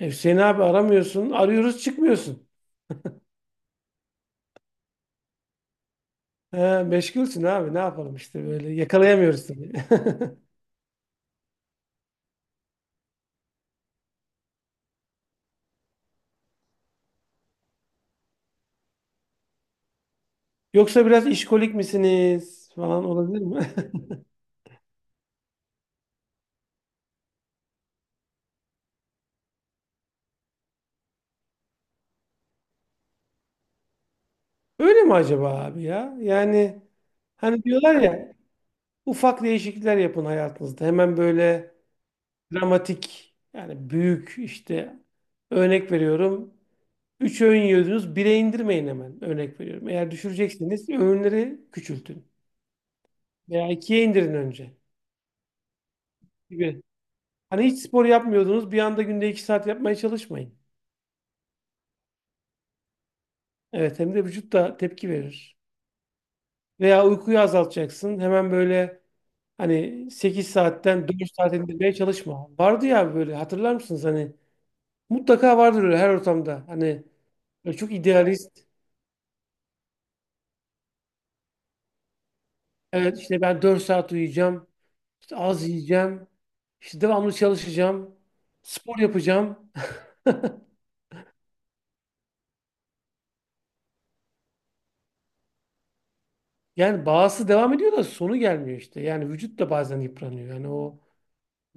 Hüseyin abi aramıyorsun. Arıyoruz çıkmıyorsun. He, meşgulsün abi ne yapalım işte böyle yakalayamıyoruz tabii. Yoksa biraz işkolik misiniz falan olabilir mi? Öyle mi acaba abi ya? Yani hani diyorlar ya ufak değişiklikler yapın hayatınızda. Hemen böyle dramatik yani büyük işte örnek veriyorum. 3 öğün yiyordunuz 1'e indirmeyin hemen örnek veriyorum. Eğer düşüreceksiniz öğünleri küçültün veya ikiye indirin önce. Gibi. Hani hiç spor yapmıyordunuz, bir anda günde 2 saat yapmaya çalışmayın. Evet, hem de vücut da tepki verir. Veya uykuyu azaltacaksın. Hemen böyle hani 8 saatten 4 saat indirmeye çalışma. Vardı ya böyle hatırlar mısınız? Hani mutlaka vardır öyle her ortamda. Hani böyle çok idealist. Evet işte ben 4 saat uyuyacağım. İşte az yiyeceğim. İşte devamlı çalışacağım. Spor yapacağım. Yani bağısı devam ediyor da sonu gelmiyor işte. Yani vücut da bazen yıpranıyor. Yani o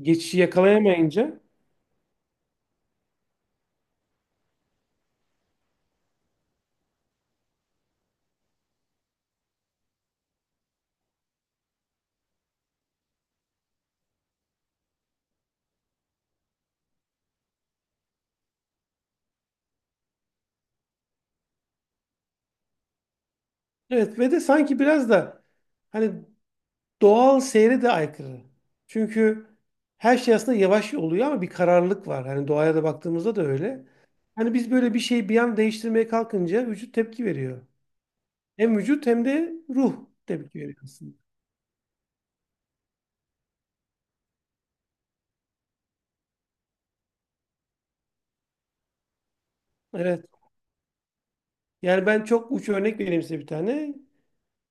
geçişi yakalayamayınca evet ve de sanki biraz da hani doğal seyre de aykırı. Çünkü her şey aslında yavaş oluyor ama bir kararlılık var. Hani doğaya da baktığımızda da öyle. Hani biz böyle bir şeyi bir an değiştirmeye kalkınca vücut tepki veriyor. Hem vücut hem de ruh tepki veriyor aslında. Evet. Yani ben çok uç örnek vereyim size bir tane.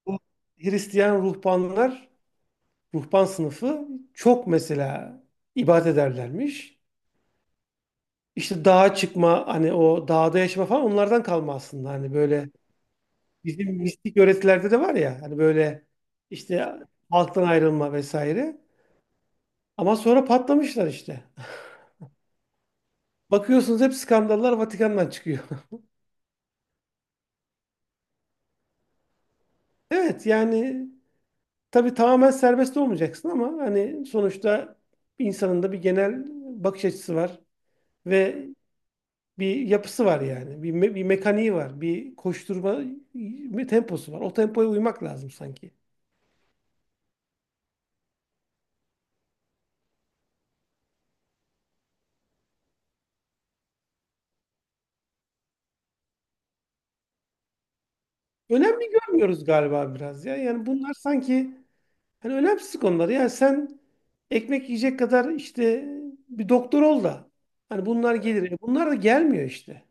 Bu Hristiyan ruhbanlar, ruhban sınıfı çok mesela ibadet ederlermiş. İşte dağa çıkma hani o dağda yaşama falan onlardan kalma aslında. Hani böyle bizim mistik öğretilerde de var ya hani böyle işte halktan ayrılma vesaire. Ama sonra patlamışlar işte. Bakıyorsunuz hep skandallar Vatikan'dan çıkıyor. Evet yani tabii tamamen serbest olmayacaksın ama hani sonuçta insanın da bir genel bakış açısı var ve bir yapısı var yani. Bir, bir mekaniği var, bir koşturma temposu var. O tempoya uymak lazım sanki. Önemli görmüyoruz galiba biraz ya. Yani bunlar sanki hani önemsiz konular. Yani sen ekmek yiyecek kadar işte bir doktor ol da hani bunlar gelir. Bunlar da gelmiyor işte.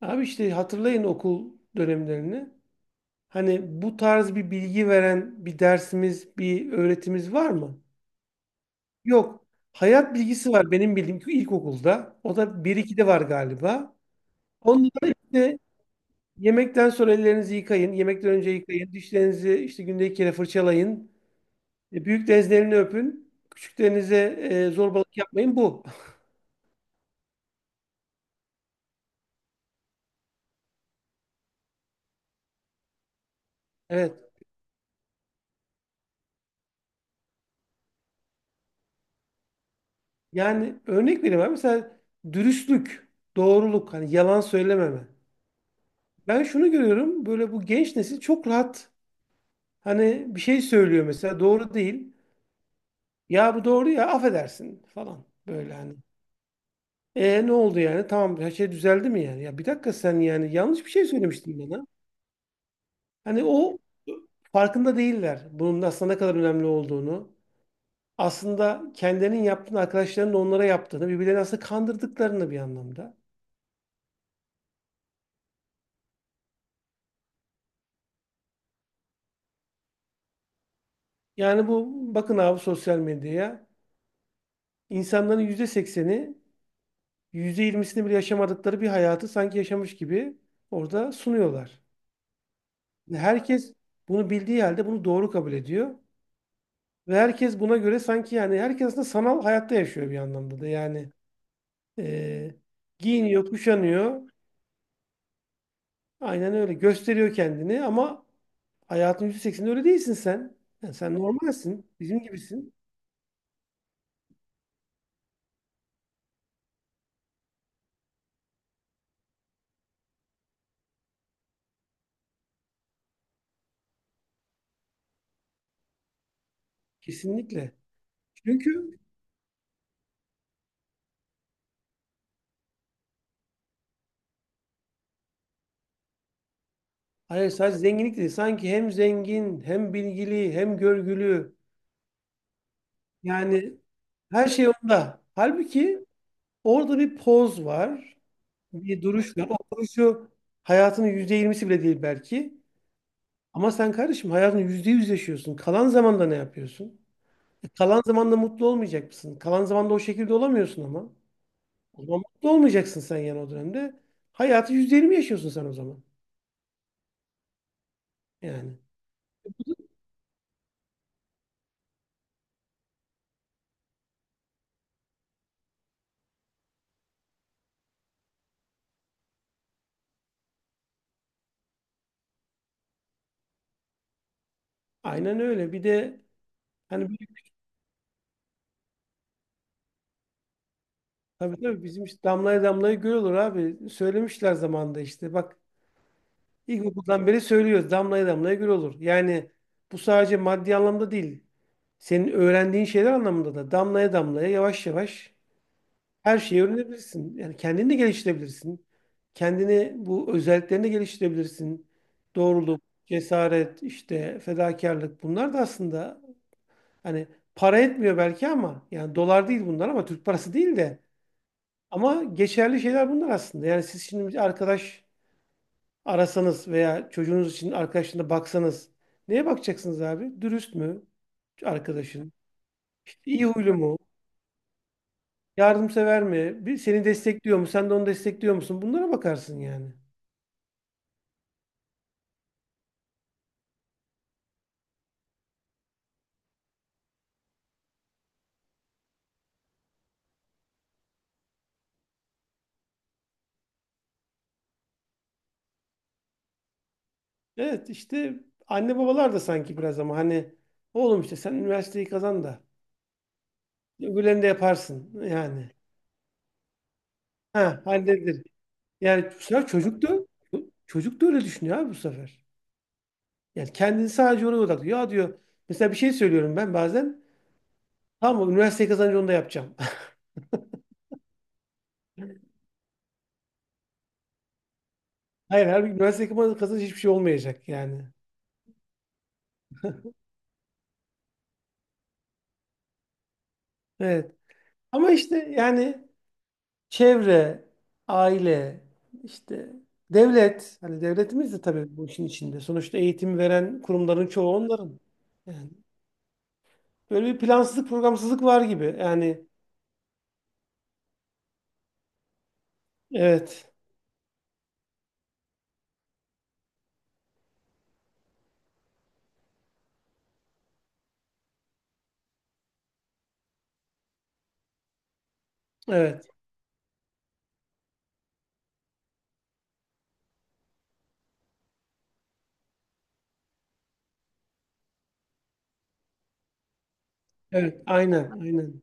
Abi işte hatırlayın okul dönemlerini. Hani bu tarz bir bilgi veren bir dersimiz, bir öğretimiz var mı? Yok. Hayat bilgisi var benim bildiğim ki ilkokulda. O da 1-2'de var galiba. Onda da işte yemekten sonra ellerinizi yıkayın. Yemekten önce yıkayın. Dişlerinizi işte günde 2 kere fırçalayın. Büyük denizlerini öpün. Küçüklerinize zorbalık yapmayın. Bu. Evet. Yani örnek vereyim abi. Mesela dürüstlük, doğruluk, hani yalan söylememe. Ben şunu görüyorum. Böyle bu genç nesil çok rahat. Hani bir şey söylüyor mesela doğru değil. Ya bu doğru ya affedersin falan. Böyle hani. Ne oldu yani? Tamam her şey düzeldi mi yani? Ya bir dakika sen yani yanlış bir şey söylemiştin bana. Hani o farkında değiller bunun aslında ne kadar önemli olduğunu. Aslında kendilerinin yaptığını, arkadaşlarının da onlara yaptığını, birbirlerini aslında kandırdıklarını bir anlamda. Yani bu bakın abi sosyal medyaya insanların %80'i yüzde yirmisini bile yaşamadıkları bir hayatı sanki yaşamış gibi orada sunuyorlar. Herkes bunu bildiği halde bunu doğru kabul ediyor. Ve herkes buna göre sanki yani herkes aslında sanal hayatta yaşıyor bir anlamda da. Yani e, giyiniyor, kuşanıyor. Aynen öyle. Gösteriyor kendini ama hayatın %80'inde öyle değilsin sen. Yani sen normalsin. Bizim gibisin. Kesinlikle. Çünkü hayır sadece zenginlik değil. Sanki hem zengin, hem bilgili, hem görgülü. Yani her şey onda. Halbuki orada bir poz var. Bir duruş var. O duruşu hayatının %20'si bile değil belki. Ama sen kardeşim hayatını %100 yaşıyorsun. Kalan zamanda ne yapıyorsun? Kalan zamanda mutlu olmayacak mısın? Kalan zamanda o şekilde olamıyorsun ama. O zaman mutlu olmayacaksın sen yani o dönemde. Hayatı %20 yaşıyorsun sen o zaman. Yani. Aynen öyle. Bir de hani tabii tabii bizim işte damlaya damlaya göl olur abi. Söylemişler zamanında işte. Bak ilkokuldan beri söylüyoruz. Damlaya damlaya göl olur. Yani bu sadece maddi anlamda değil. Senin öğrendiğin şeyler anlamında da damlaya damlaya yavaş yavaş her şeyi öğrenebilirsin. Yani kendini de geliştirebilirsin. Kendini bu özelliklerini geliştirebilirsin. Doğruluk, cesaret, işte fedakarlık bunlar da aslında hani para etmiyor belki ama yani dolar değil bunlar ama Türk parası değil de ama geçerli şeyler bunlar aslında. Yani siz şimdi bir arkadaş arasanız veya çocuğunuz için arkadaşına baksanız neye bakacaksınız abi? Dürüst mü arkadaşın? İşte iyi huylu mu? Yardımsever mi? Bir, seni destekliyor mu? Sen de onu destekliyor musun? Bunlara bakarsın yani. Evet işte anne babalar da sanki biraz ama hani oğlum işte sen üniversiteyi kazan da öbürlerini de yaparsın yani. Ha halledilir. Yani bu sefer çocuk da öyle düşünüyor abi bu sefer. Yani kendini sadece ona odaklıyor. Ya diyor mesela bir şey söylüyorum ben bazen. Tamam mı? Üniversiteyi kazanınca onu da yapacağım. Hayır, halbuki üniversiteyi kazanınca hiçbir şey olmayacak yani. Evet. Ama işte yani çevre, aile, işte devlet. Hani devletimiz de tabii bu işin içinde. Sonuçta eğitim veren kurumların çoğu onların. Yani böyle bir plansızlık, programsızlık var gibi. Yani evet, evet, evet, aynen, aynen.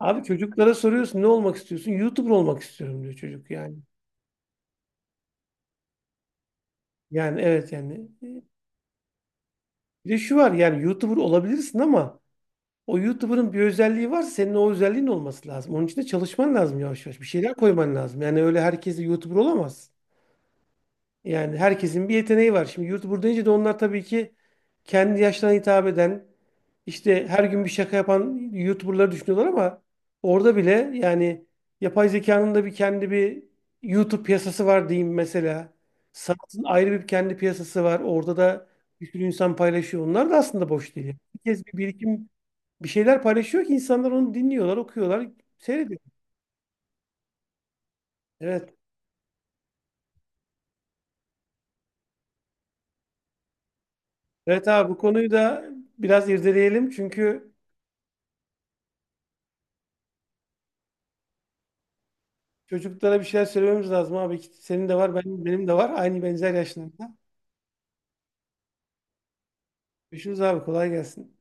Abi çocuklara soruyorsun ne olmak istiyorsun? YouTuber olmak istiyorum diyor çocuk yani. Yani evet yani. Bir de şu var yani YouTuber olabilirsin ama o YouTuber'ın bir özelliği var senin o özelliğin olması lazım. Onun için de çalışman lazım yavaş yavaş. Bir şeyler koyman lazım. Yani öyle herkes de YouTuber olamaz. Yani herkesin bir yeteneği var. Şimdi yurt buradayınca da onlar tabii ki kendi yaşlarına hitap eden, işte her gün bir şaka yapan YouTuber'ları düşünüyorlar ama orada bile yani yapay zekanın da bir kendi bir YouTube piyasası var diyeyim mesela. Sanatın ayrı bir kendi piyasası var. Orada da bir sürü insan paylaşıyor. Onlar da aslında boş değil. Herkes bir birikim bir şeyler paylaşıyor ki insanlar onu dinliyorlar, okuyorlar, seyrediyor. Evet. Evet abi bu konuyu da biraz irdeleyelim çünkü çocuklara bir şeyler söylememiz lazım abi. Senin de var, benim de var. Aynı benzer yaşlarda. Görüşürüz abi. Kolay gelsin.